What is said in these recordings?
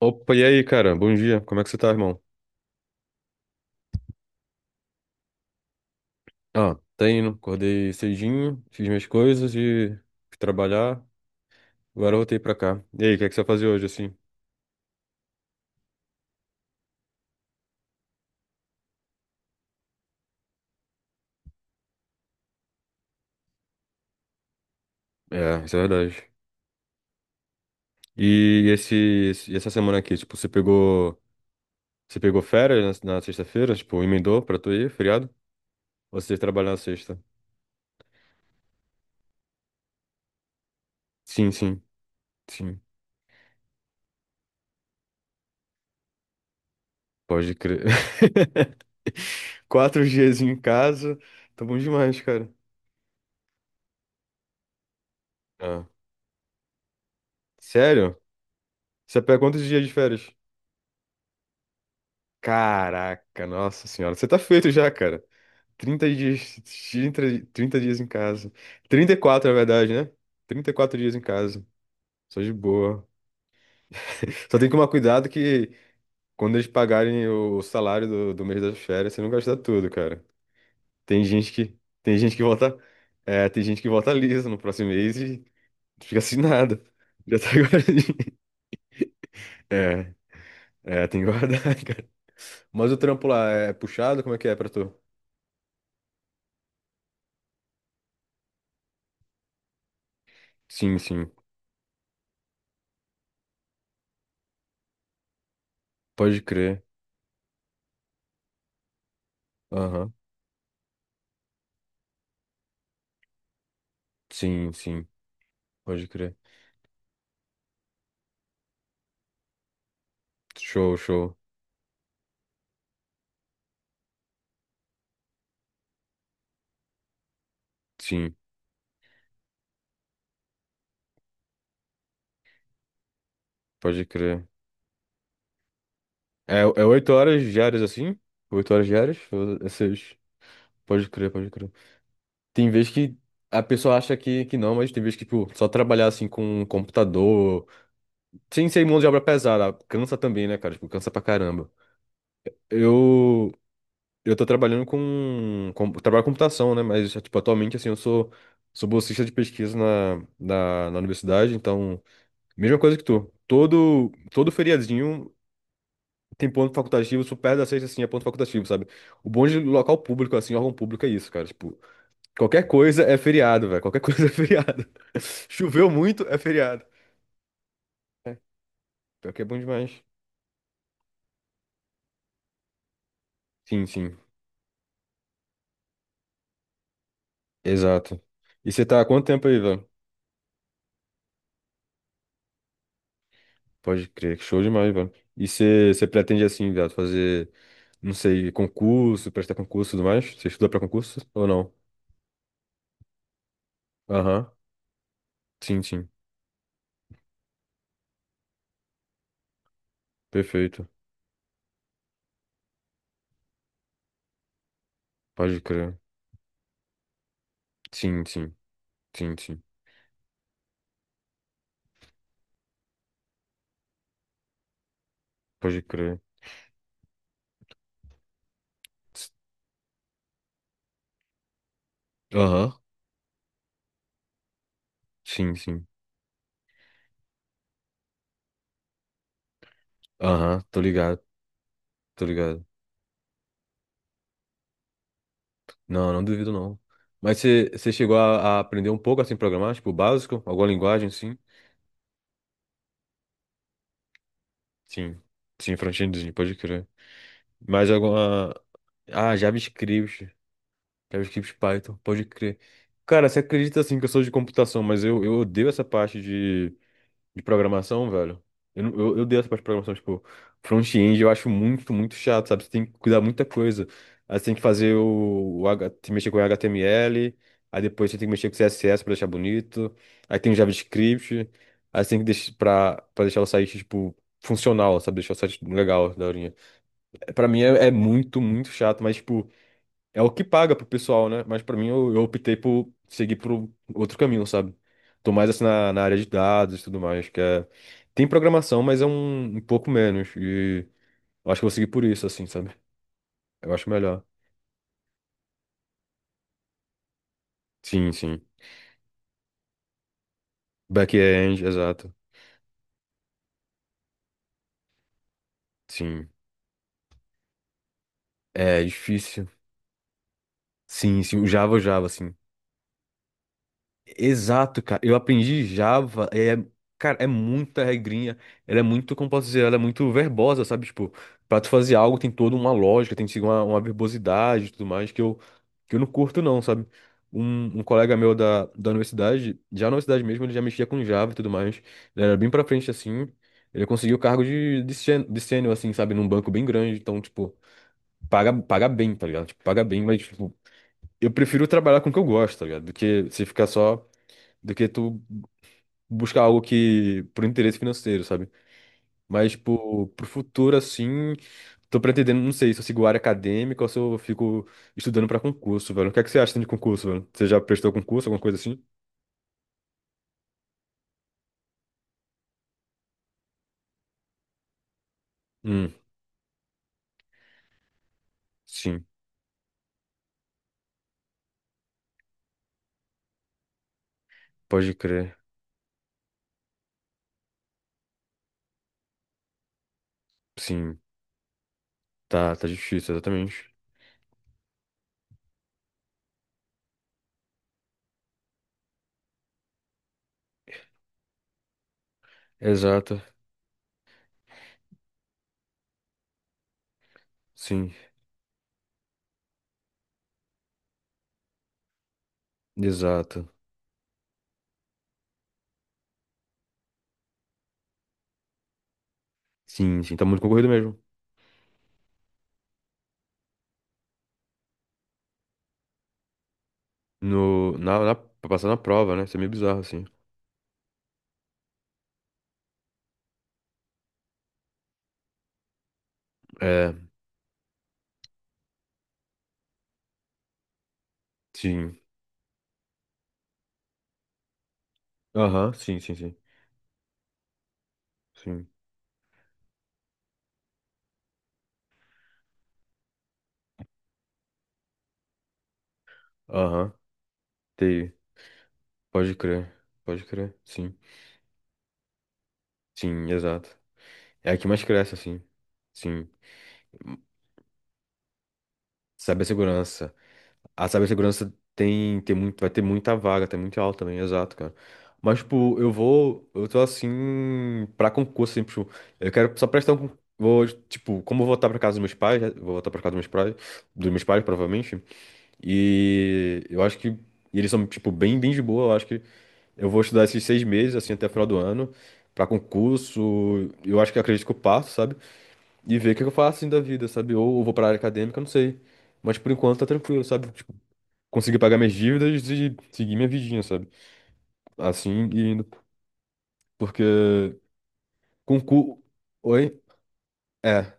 Opa, e aí, cara? Bom dia. Como é que você tá, irmão? Ah, tá indo. Acordei cedinho, fiz minhas coisas e fui trabalhar. Agora eu voltei pra cá. E aí, o que é que você vai fazer hoje, assim? É, isso é verdade. E essa semana aqui, tipo, você pegou férias na sexta-feira? Tipo, emendou pra tu ir, feriado? Ou você trabalhou na sexta? Sim, sim, sim. Pode crer. 4 dias em casa. Tá bom demais, cara. Ah, sério? Você pega quantos dias de férias? Caraca, nossa senhora. Você tá feito já, cara. 30 dias, 30 30 dias em casa. 34, na verdade, né? 34 dias em casa. Só de boa. Só tem que tomar cuidado que quando eles pagarem o salário do mês das férias, você não gasta tudo, cara. Tem gente que volta, é, tem gente que volta lisa no próximo mês e fica sem nada. Já tá guardadinho. É, é, tem que guardar, cara. Mas o trampo lá é puxado? Como é que é pra tu? Sim, sim. Pode crer. Aham. Sim, sim. Pode crer. Show, show. Sim, pode crer. É 8 horas diárias assim? 8 horas diárias? Ou é seis? Pode crer, pode crer. Tem vez que a pessoa acha que não, mas tem vez que, tipo, só trabalhar assim com um computador. Sem ser mão de obra pesada. Cansa também, né, cara? Tipo, cansa pra caramba. Eu. Eu tô trabalhando com trabalho com computação, né? Mas, tipo, atualmente, assim, eu sou bolsista de pesquisa na universidade, então. Mesma coisa que tu. Todo feriadinho tem ponto facultativo, super perto da sexta, assim, é ponto facultativo, sabe? O bom de local público, assim, órgão público é isso, cara. Tipo, qualquer coisa é feriado, velho. Qualquer coisa é feriado. Choveu muito, é feriado. Pior que é bom demais. Sim, sim. Exato. E você tá há quanto tempo aí, velho? Pode crer, show demais, velho. E você pretende, assim, velho, fazer, não sei, concurso, prestar concurso e tudo mais? Você estuda pra concurso ou não? Aham. Sim, sim. Perfeito. Pode crer. Sim, sim. Sim, sim. Pode crer. S- Aham. Sim, sim. Aham. Tô ligado. Tô ligado. Não, não duvido, não. Mas você chegou a aprender um pouco assim, programar, tipo, o básico? Alguma linguagem, sim? Sim. Sim, front-endzinho, pode crer. Mais alguma. Ah, JavaScript. JavaScript Python, pode crer. Cara, você acredita assim que eu sou de computação, mas eu odeio essa parte de programação, velho. Eu, não- eu dei essa parte de programação, tipo, front-end eu acho muito, muito chato, sabe? Você tem que cuidar muita coisa. Aí você tem que fazer o H, tem que mexer com HTML, aí depois você tem que mexer com CSS pra deixar bonito, aí tem o JavaScript, aí você tem que deixar pra, deixar o site, tipo, funcional, sabe? Deixar o site legal, daorinha. É, pra mim é muito, muito chato, mas, tipo, é o que paga pro pessoal, né? Mas pra mim eu optei por seguir pro outro caminho, sabe? Tô mais assim na área de dados e tudo mais, que é... Tem programação, mas é um pouco menos. E eu acho que eu vou seguir por isso, assim, sabe? Eu acho melhor. Sim, sim. Back-end, exato. Sim. É difícil. Sim, sim. O Java, assim. Exato, cara. Eu aprendi Java, cara, é muita regrinha, ela é muito, como posso dizer, ela é muito verbosa, sabe? Tipo, pra tu fazer algo tem toda uma lógica, tem que seguir uma verbosidade e tudo mais, que eu não curto não, sabe? Um colega meu da universidade, já na universidade mesmo, ele já mexia com Java e tudo mais, ele era bem pra frente assim, ele conseguiu o cargo de sênior, assim, sabe? Num banco bem grande, então, tipo, paga bem, tá ligado? Tipo, paga bem, mas, tipo, eu prefiro trabalhar com o que eu gosto, tá ligado? Do que se ficar só do que tu buscar algo que por interesse financeiro, sabe? Mas, tipo, pro futuro, assim, tô pretendendo, não sei se eu sigo área acadêmica ou se eu fico estudando pra concurso, velho. O que é que você acha de concurso, velho? Você já prestou concurso, alguma coisa assim? Hum, sim, pode crer. Sim, tá difícil, exatamente. Exato, sim, exato. Sim, sim, tá muito concorrido mesmo. No, na, na, pra passar na prova, né? Isso é meio bizarro, assim. É, sim. Aham, sim, sim, sim. Sim. Aham, TI. Pode crer, pode crer, sim. Sim, exato. É a que mais cresce, assim. Sim. Cibersegurança. A cibersegurança tem muito, vai ter muita vaga, tem muito alta também, exato, cara. Mas, tipo, eu tô assim, pra concurso, assim, tipo, eu quero só prestar vou, tipo, como eu vou voltar pra casa dos meus pais, né, vou voltar pra casa dos meus pais, provavelmente, e eu acho que, e eles são, tipo, bem de boa, eu acho que eu vou estudar esses 6 meses, assim, até o final do ano, pra concurso. Eu acho que acredito que eu passo, sabe? E ver o que eu faço assim da vida, sabe? Ou eu vou pra área acadêmica, eu não sei. Mas por enquanto tá tranquilo, sabe? Tipo, conseguir pagar minhas dívidas e seguir minha vidinha, sabe? Assim, e indo. Porque concurso. Oi? É.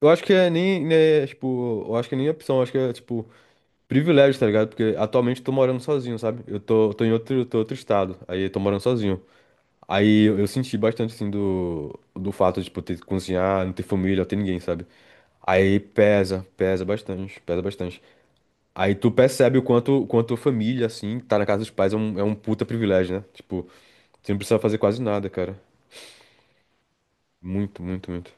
Eu acho que é nem, né, tipo, eu acho que é nem opção, eu acho que é, tipo, privilégio, tá ligado? Porque atualmente eu tô morando sozinho, sabe? Eu tô em outro estado, aí eu tô morando sozinho. Aí eu senti bastante, assim, do fato de, tipo, ter que cozinhar, não ter família, não ter ninguém, sabe? Aí pesa, pesa bastante, pesa bastante. Aí tu percebe o quanto família, assim, tá na casa dos pais é um puta privilégio, né? Tipo, você não precisa fazer quase nada, cara. Muito, muito, muito.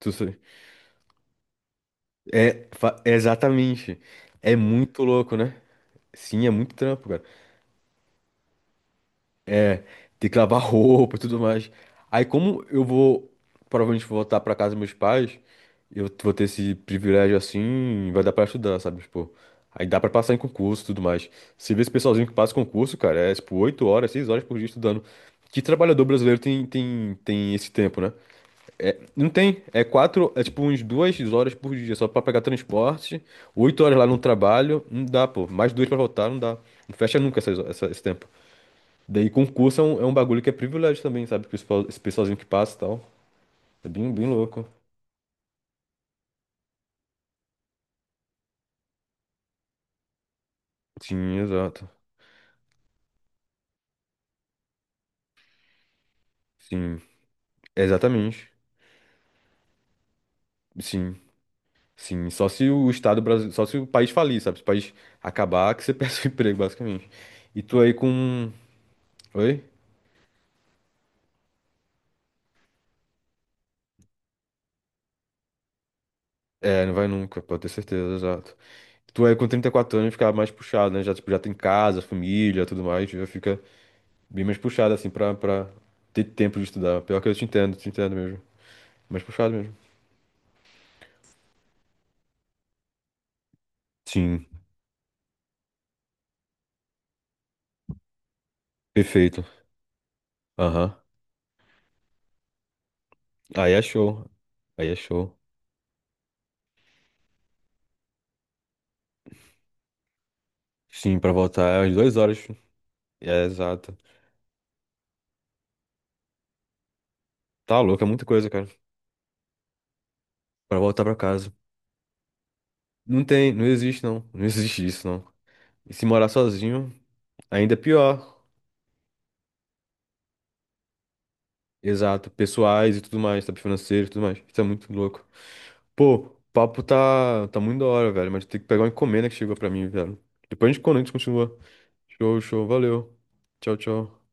Tu sei. Exatamente. É muito louco, né? Sim, é muito trampo, cara. É, tem que lavar roupa e tudo mais. Aí, como eu vou, provavelmente vou voltar pra casa dos meus pais, eu vou ter esse privilégio assim, vai dar pra estudar, sabe? Tipo, aí dá pra passar em concurso e tudo mais. Você vê esse pessoalzinho que passa concurso, cara, é tipo 8 horas, 6 horas por dia estudando. Que trabalhador brasileiro tem esse tempo, né? Não tem. É quatro, é tipo uns 2 horas por dia só pra pegar transporte, 8 horas lá no trabalho, não dá, pô. Mais duas pra voltar, não dá. Não fecha nunca esse tempo. Daí concurso é um bagulho que é privilégio também, sabe? Que os pessoal- esse pessoalzinho que passa e tal. É bem, bem louco. Sim, exato. Sim, exatamente. Sim, sim. Só se o Estado brasileiro, só se o país falir, sabe? Se o país acabar, que você perde o emprego, basicamente. E tu aí com. Oi? É, não vai nunca, pode ter certeza, exato. Tu aí com 34 anos fica mais puxado, né? Já, tipo, já tem casa, família, tudo mais, já fica bem mais puxado, assim, pra ter tempo de estudar. Pior que eu te entendo mesmo. Mais puxado mesmo. Sim, perfeito. Aham. Aí é show. Aí é show. Sim, pra voltar é umas 2 horas. É exato. Tá louco, é muita coisa, cara. Pra voltar pra casa. Não tem, não existe não. Não existe isso, não. E se morar sozinho, ainda é pior. Exato. Pessoais e tudo mais, sabe? Financeiro e tudo mais. Isso é muito louco. Pô, o papo tá muito da hora, velho. Mas tem que pegar uma encomenda que chegou pra mim, velho. Depois a gente, quando a gente continua. Show, show. Valeu. Tchau, tchau.